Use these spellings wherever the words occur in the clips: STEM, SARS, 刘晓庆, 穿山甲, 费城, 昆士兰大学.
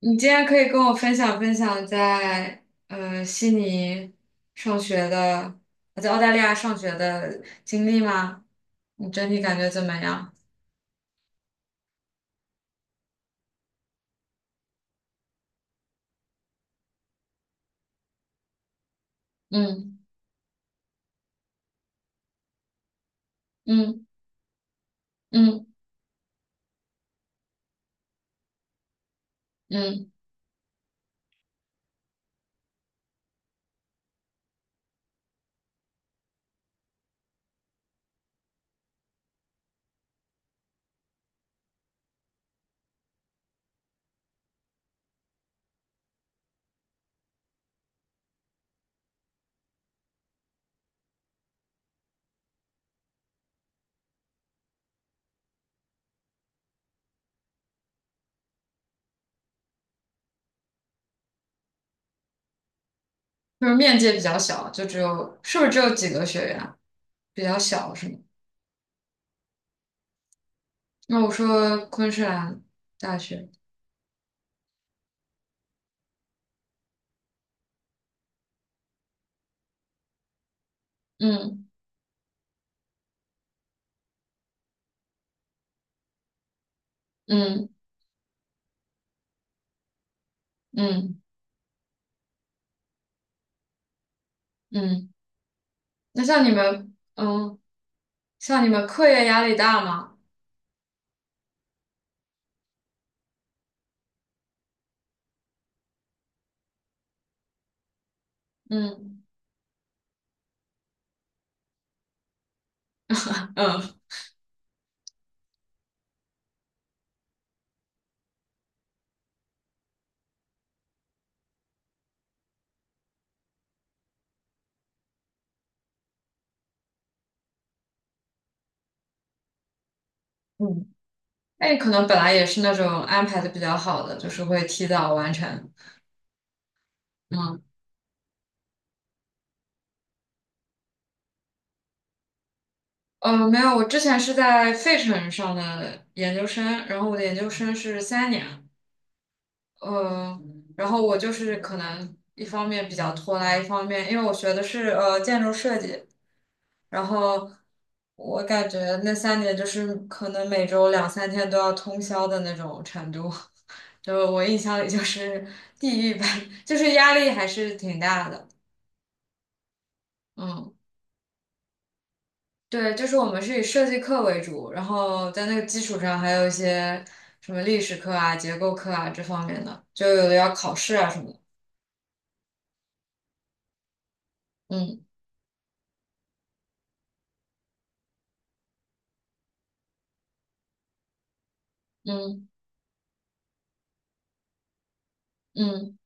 你今天可以跟我分享分享在悉尼上学的，在澳大利亚上学的经历吗？你整体感觉怎么样？嗯嗯嗯嗯，就是面积也比较小，就只有是不是只有几个学院？比较小是吗？那我说昆士兰大学，嗯嗯嗯嗯，那像你们，嗯，像你们课业压力大吗？嗯嗯嗯。那你可能本来也是那种安排的比较好的，就是会提早完成。嗯，没有，我之前是在费城上的研究生，然后我的研究生是三年，呃，然后我就是可能一方面比较拖拉，一方面因为我学的是建筑设计，然后我感觉那三年就是可能每周两三天都要通宵的那种程度，就我印象里就是地狱般，就是压力还是挺大的。嗯。对，就是我们是以设计课为主，然后在那个基础上还有一些什么历史课啊、结构课啊这方面的，就有的要考试啊什么的。嗯嗯嗯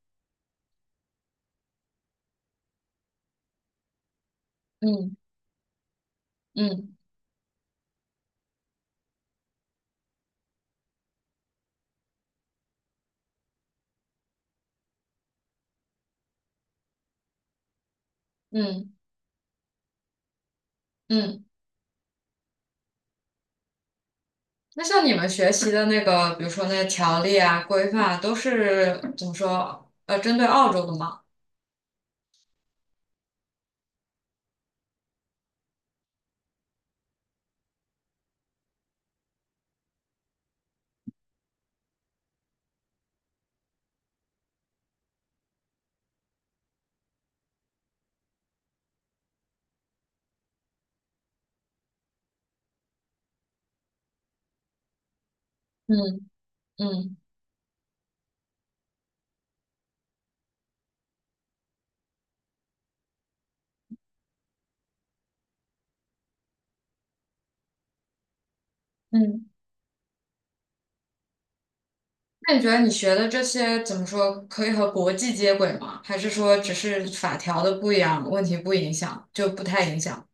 嗯嗯嗯嗯。嗯那像你们学习的那个，比如说那些条例啊、规范啊，都是怎么说？针对澳洲的吗？嗯嗯嗯。那你觉得你学的这些怎么说，可以和国际接轨吗？还是说只是法条的不一样，问题不影响，就不太影响？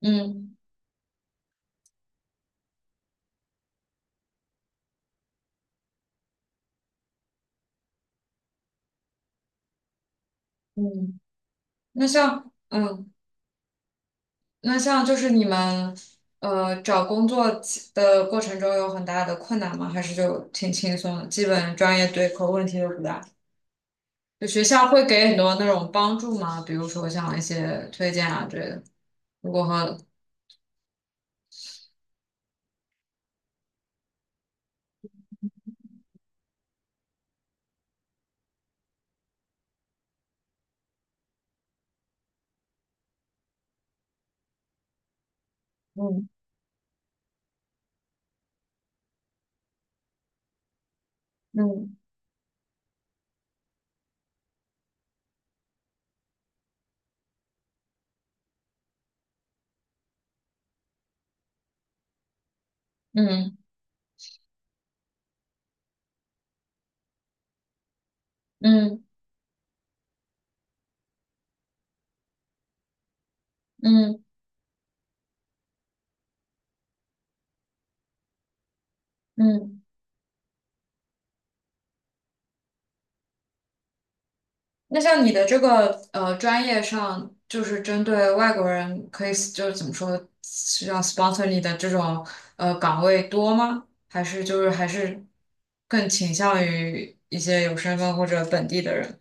嗯。嗯，那像嗯，那像就是你们找工作起的过程中有很大的困难吗？还是就挺轻松的，基本专业对口问题都不大。就学校会给很多那种帮助吗？比如说像一些推荐啊之类的。如果和嗯嗯嗯嗯嗯嗯嗯那像你的这个专业上，就是针对外国人，可以就是怎么说，是要 sponsor 你的这种岗位多吗？还是就是还是更倾向于一些有身份或者本地的人？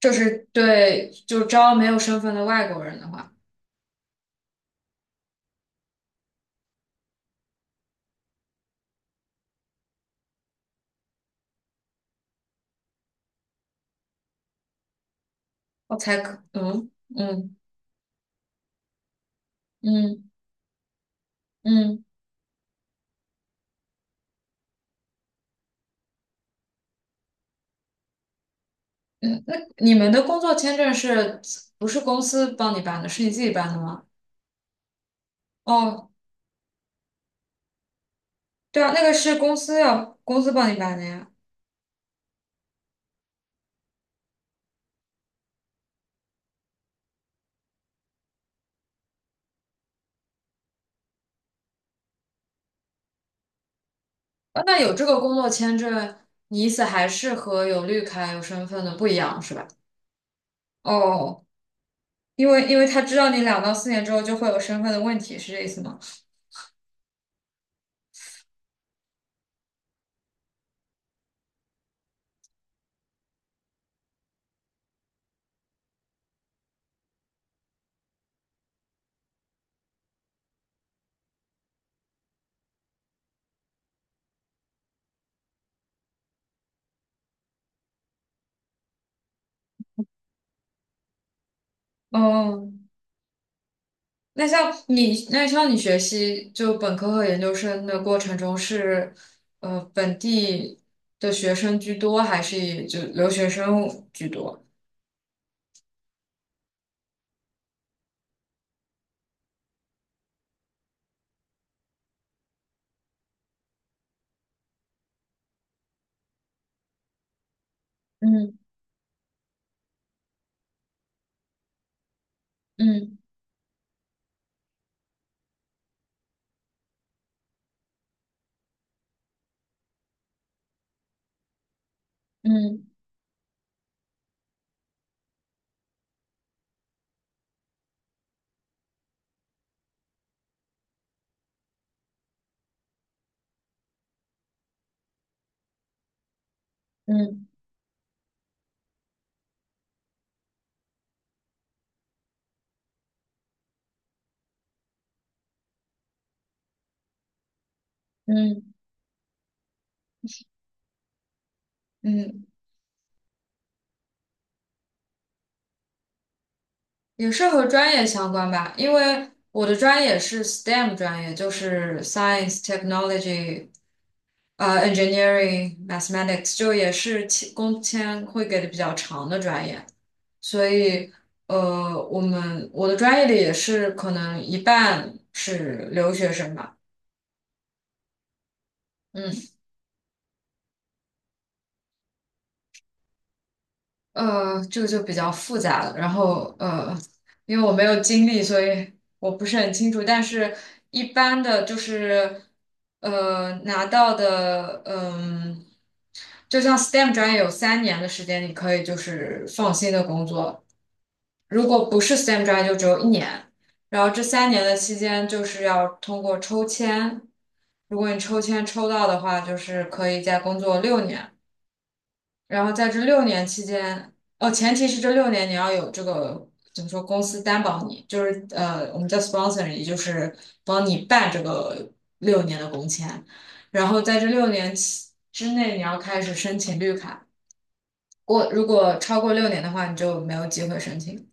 就是对，就招没有身份的外国人的话，我才可嗯嗯嗯嗯嗯，那你们的工作签证是不是公司帮你办的？是你自己办的吗？哦，对啊，那个是公司要公司帮你办的呀。那有这个工作签证，你意思还是和有绿卡、有身份的不一样是吧？哦，因为因为他知道你两到四年之后就会有身份的问题，是这意思吗？哦，那像你那像你学习就本科和研究生的过程中是，本地的学生居多，还是以就留学生居多？嗯嗯嗯嗯嗯嗯。也是和专业相关吧，因为我的专业是 STEM 专业，就是 Science、Technology、Engineering、Mathematics，就也是其工签会给的比较长的专业，所以我们我的专业里也是可能一半是留学生吧，嗯。这个就比较复杂了。然后因为我没有经历，所以我不是很清楚。但是一般的就是拿到的，嗯、就像 STEM 专业有三年的时间，你可以就是放心的工作。如果不是 STEM 专业，就只有一年。然后这三年的期间，就是要通过抽签。如果你抽签抽到的话，就是可以再工作六年。然后在这六年期间，哦，前提是这六年你要有这个怎么说，公司担保你，就是我们叫 sponsor，也就是帮你办这个六年的工签。然后在这六年期之内，你要开始申请绿卡。过如果超过六年的话，你就没有机会申请。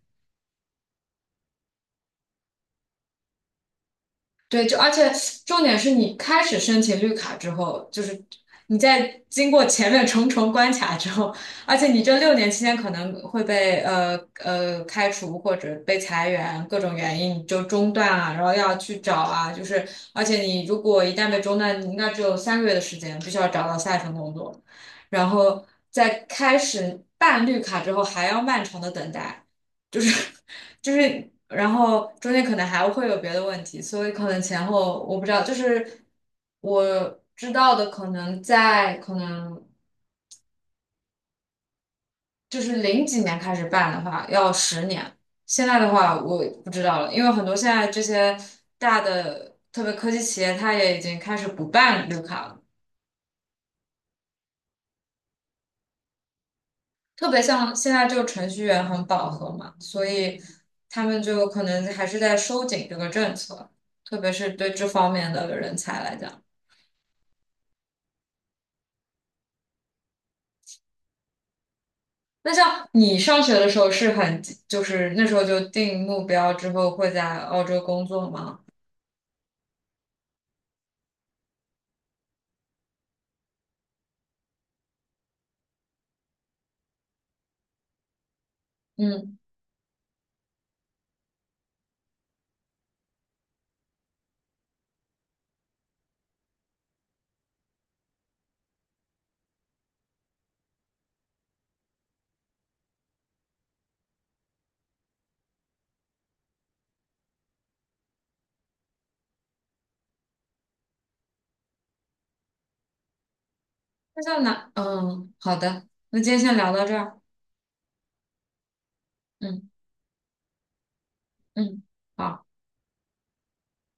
对，就而且重点是你开始申请绿卡之后，就是你在经过前面重重关卡之后，而且你这六年期间可能会被开除或者被裁员，各种原因你就中断啊，然后要去找啊，就是而且你如果一旦被中断，你应该只有三个月的时间，必须要找到下一份工作，然后在开始办绿卡之后还要漫长的等待。就是就是然后中间可能还会有别的问题，所以可能前后我不知道，就是我知道的可能在可能就是零几年开始办的话要十年，现在的话我不知道了，因为很多现在这些大的特别科技企业，它也已经开始不办绿卡了，特别像现在就程序员很饱和嘛，所以他们就可能还是在收紧这个政策，特别是对这方面的人才来讲。那像你上学的时候是很，就是那时候就定目标之后会在澳洲工作吗？嗯，那像哪？嗯，好的，那今天先聊到这儿。嗯嗯。好。